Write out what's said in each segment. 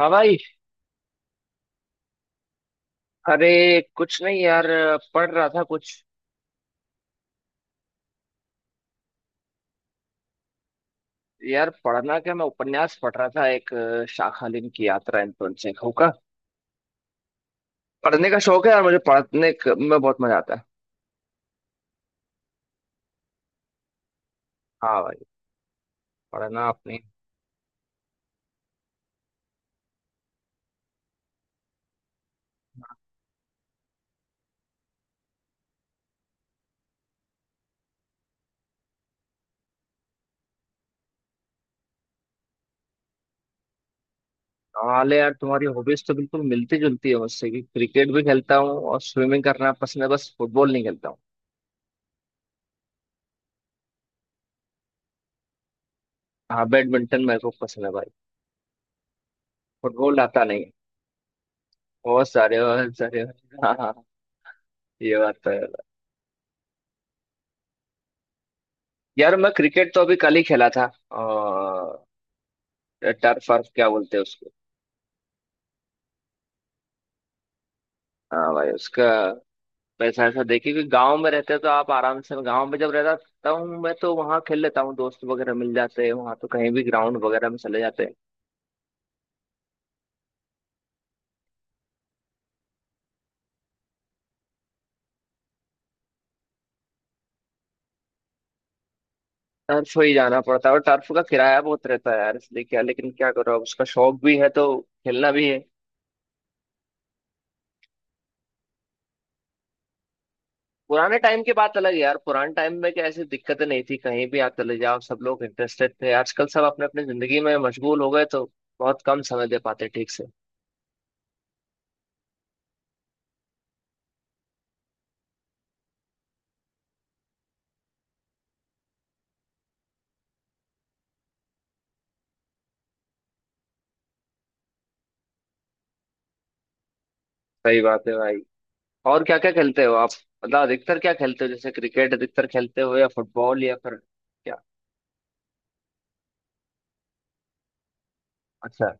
हाँ भाई। अरे कुछ नहीं यार, पढ़ रहा था कुछ। यार पढ़ना क्या, मैं उपन्यास पढ़ रहा था एक शाखालिन की यात्रा, एंटोन चेखव का। पढ़ने का शौक है यार मुझे, पढ़ने में बहुत मजा आता है। हाँ भाई, पढ़ना अपनी। हाल है यार, तुम्हारी हॉबीज तो बिल्कुल मिलती जुलती है मुझसे कि क्रिकेट भी खेलता हूँ और स्विमिंग करना पसंद है, बस फुटबॉल नहीं खेलता हूँ। हाँ बैडमिंटन मेरे को पसंद है भाई। फुटबॉल आता नहीं है। बहुत सारे बहुत सारे। हाँ हाँ, ये बात तो है। यार मैं क्रिकेट तो अभी कल ही खेला था। टर्फ वर्फ क्या बोलते हैं उसको। हाँ भाई उसका पैसा। ऐसा देखिए कि गांव में रहते तो आप आराम से, गांव में जब रहता हूँ मैं तो वहां खेल लेता हूँ, दोस्त वगैरह मिल जाते हैं, वहां तो कहीं भी ग्राउंड वगैरह में चले जाते हैं। टर्फ ही जाना पड़ता है और टर्फ का किराया बहुत रहता है यार, इसलिए क्या, लेकिन क्या करो, अब उसका शौक भी है तो खेलना भी है। पुराने टाइम की बात अलग है यार, पुराने टाइम में क्या ऐसी दिक्कतें नहीं थी, कहीं भी आप चले जाओ सब लोग इंटरेस्टेड थे, आजकल सब अपने अपने जिंदगी में मशगूल हो गए तो बहुत कम समय दे पाते ठीक से। सही बात है भाई। और क्या क्या खेलते हो आप, मतलब अधिकतर क्या खेलते हो, जैसे क्रिकेट अधिकतर खेलते हो या फुटबॉल या फिर क्या। अच्छा।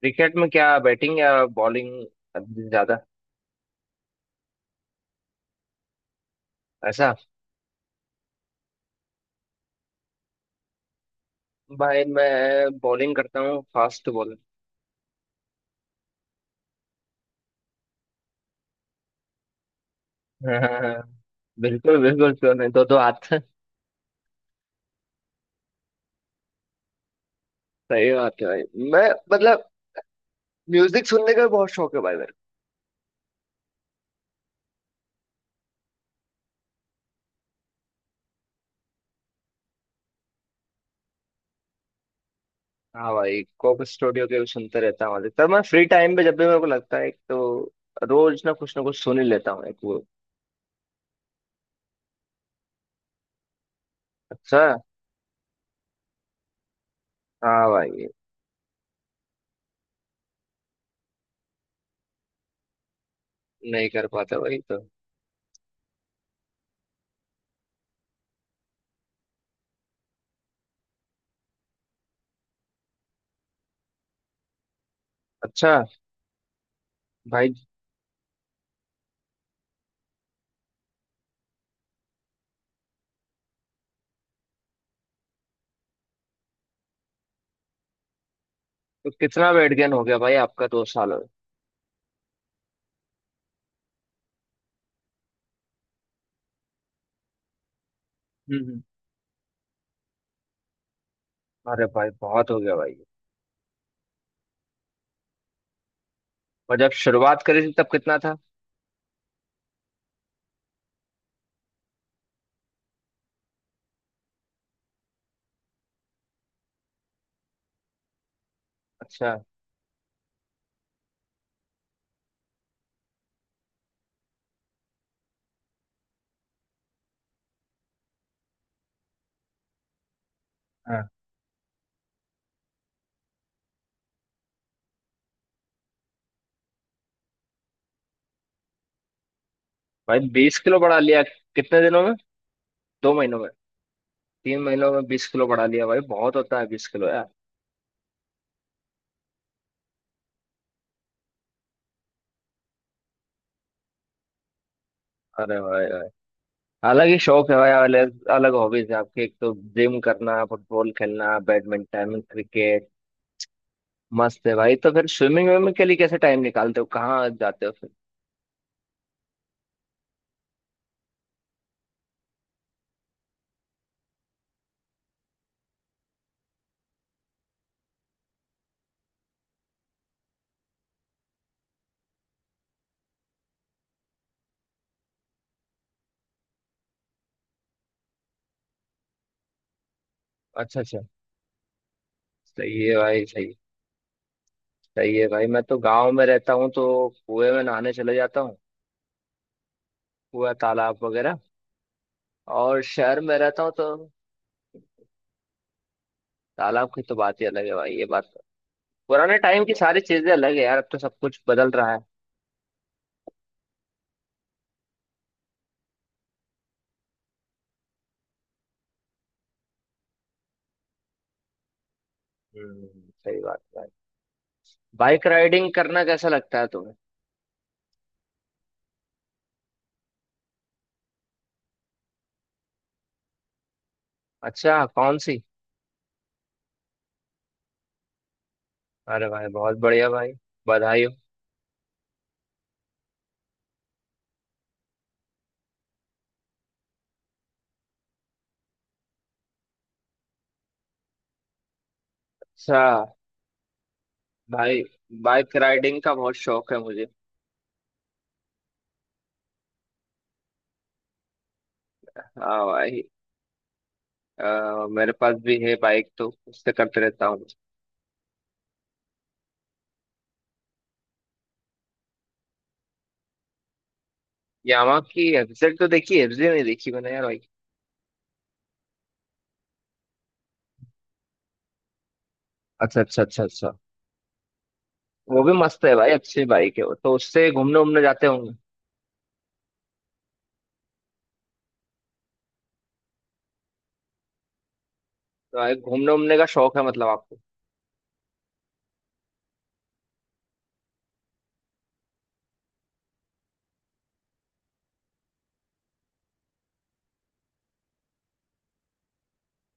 क्रिकेट में क्या, बैटिंग या बॉलिंग ज्यादा। ऐसा। भाई मैं बॉलिंग करता हूँ, फास्ट बॉलर। हाँ। बिल्कुल बिल्कुल, क्यों नहीं, दो दो हाथ। सही बात है भाई। मैं मतलब, म्यूजिक सुनने का भी बहुत शौक है भाई मेरे को। हाँ भाई, कोक स्टूडियो के भी सुनते रहता हूँ अधिकतर, मैं फ्री टाइम पे जब भी मेरे को लगता है एक तो रोज ना कुछ सुन ही लेता हूँ एक वो। अच्छा। हाँ भाई, नहीं कर पाते वही तो। अच्छा भाई, तो कितना वेट गेन हो गया भाई आपका 2 सालों में। हम्म हम्म, अरे भाई बहुत हो गया भाई। और जब शुरुआत करी थी तब कितना था। अच्छा। हाँ भाई, 20 किलो बढ़ा लिया। कितने दिनों में, 2 महीनों में, 3 महीनों में 20 किलो बढ़ा लिया भाई, बहुत होता है 20 किलो यार। अरे भाई भाई, अलग ही शौक है भाई, अलग अलग हॉबीज है आपकी, एक तो जिम करना, फुटबॉल खेलना, बैडमिंटन, क्रिकेट। मस्त है भाई, तो फिर स्विमिंग विमिंग के लिए कैसे टाइम निकालते हो, कहाँ जाते हो फिर। अच्छा अच्छा। सही है भाई, सही है। सही है भाई, मैं तो गांव में रहता हूँ तो कुएं में नहाने चले जाता हूँ, कुआ तालाब वगैरह। और शहर में रहता हूँ तो तालाब की तो बात ही अलग है भाई, ये बात तो। पुराने टाइम की सारी चीजें अलग है यार, अब तो सब कुछ बदल रहा है। हम्म। सही बात है भाई। बाइक राइडिंग करना कैसा लगता है तुम्हें। अच्छा कौन सी। अरे भाई बहुत बढ़िया भाई, बधाई हो। अच्छा। भाई बाइक राइडिंग का बहुत शौक है मुझे। हाँ भाई, मेरे पास भी है बाइक तो उससे करते रहता हूँ। यामा की एफजेड तो देखी, एफजेड नहीं देखी मैंने यार भाई। अच्छा अच्छा अच्छा अच्छा। वो भी मस्त है भाई, अच्छी बाइक है वो, तो उससे घूमने उमने जाते होंगे। तो भाई घूमने उमने का शौक है मतलब आपको।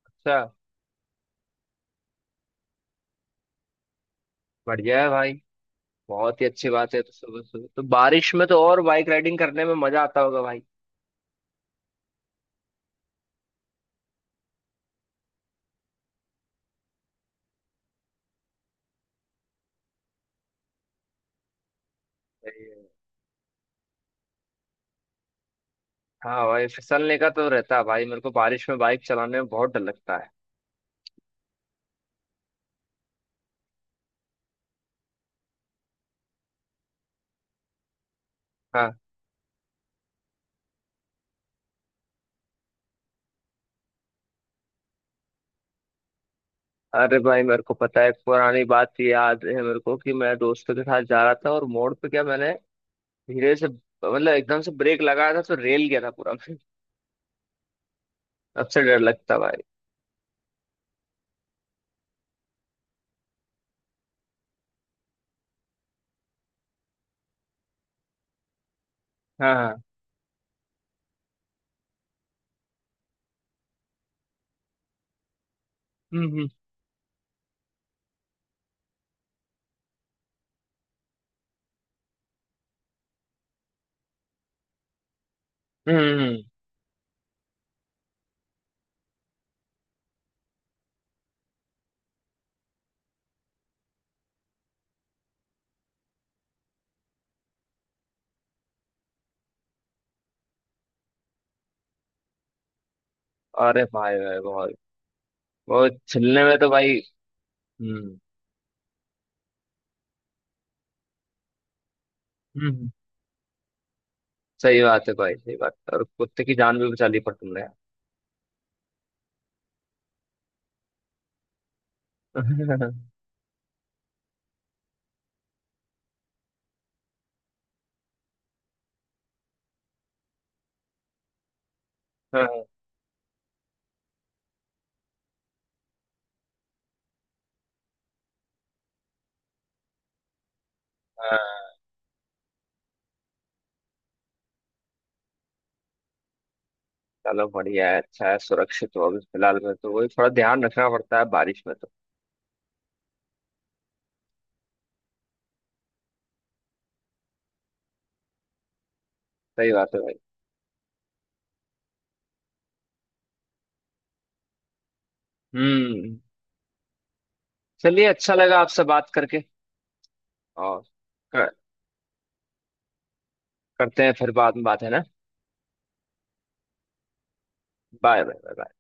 अच्छा। बढ़िया है भाई, बहुत ही अच्छी बात है। तो सुबह सुबह तो, बारिश में तो और बाइक राइडिंग करने में मजा आता होगा भाई। सही है। हाँ भाई फिसलने का तो रहता है भाई, मेरे को बारिश में बाइक चलाने में बहुत डर लगता है। हाँ। अरे भाई मेरे को पता है, एक पुरानी बात याद है मेरे को कि मैं दोस्तों के साथ जा रहा था और मोड़ पे क्या, मैंने धीरे से मतलब एकदम से ब्रेक लगाया था, तो रेल गया था पूरा मैं। अब से डर लगता भाई। हाँ हाँ। हम्म हम्म हम्म हम्म। अरे भाई भाई, बहुत बहुत छिलने में तो भाई। हम्म हम्म। सही बात है भाई, सही बात है। और कुत्ते की जान भी बचा ली पर तुमने। हाँ हाँ, चलो बढ़िया है, अच्छा है, सुरक्षित हो अभी फिलहाल में तो, वही थोड़ा ध्यान रखना पड़ता है बारिश में तो। सही बात है भाई। हम्म। चलिए, अच्छा लगा आपसे बात करके। और कर, करते हैं फिर बाद में बात, है ना। Bye bye bye.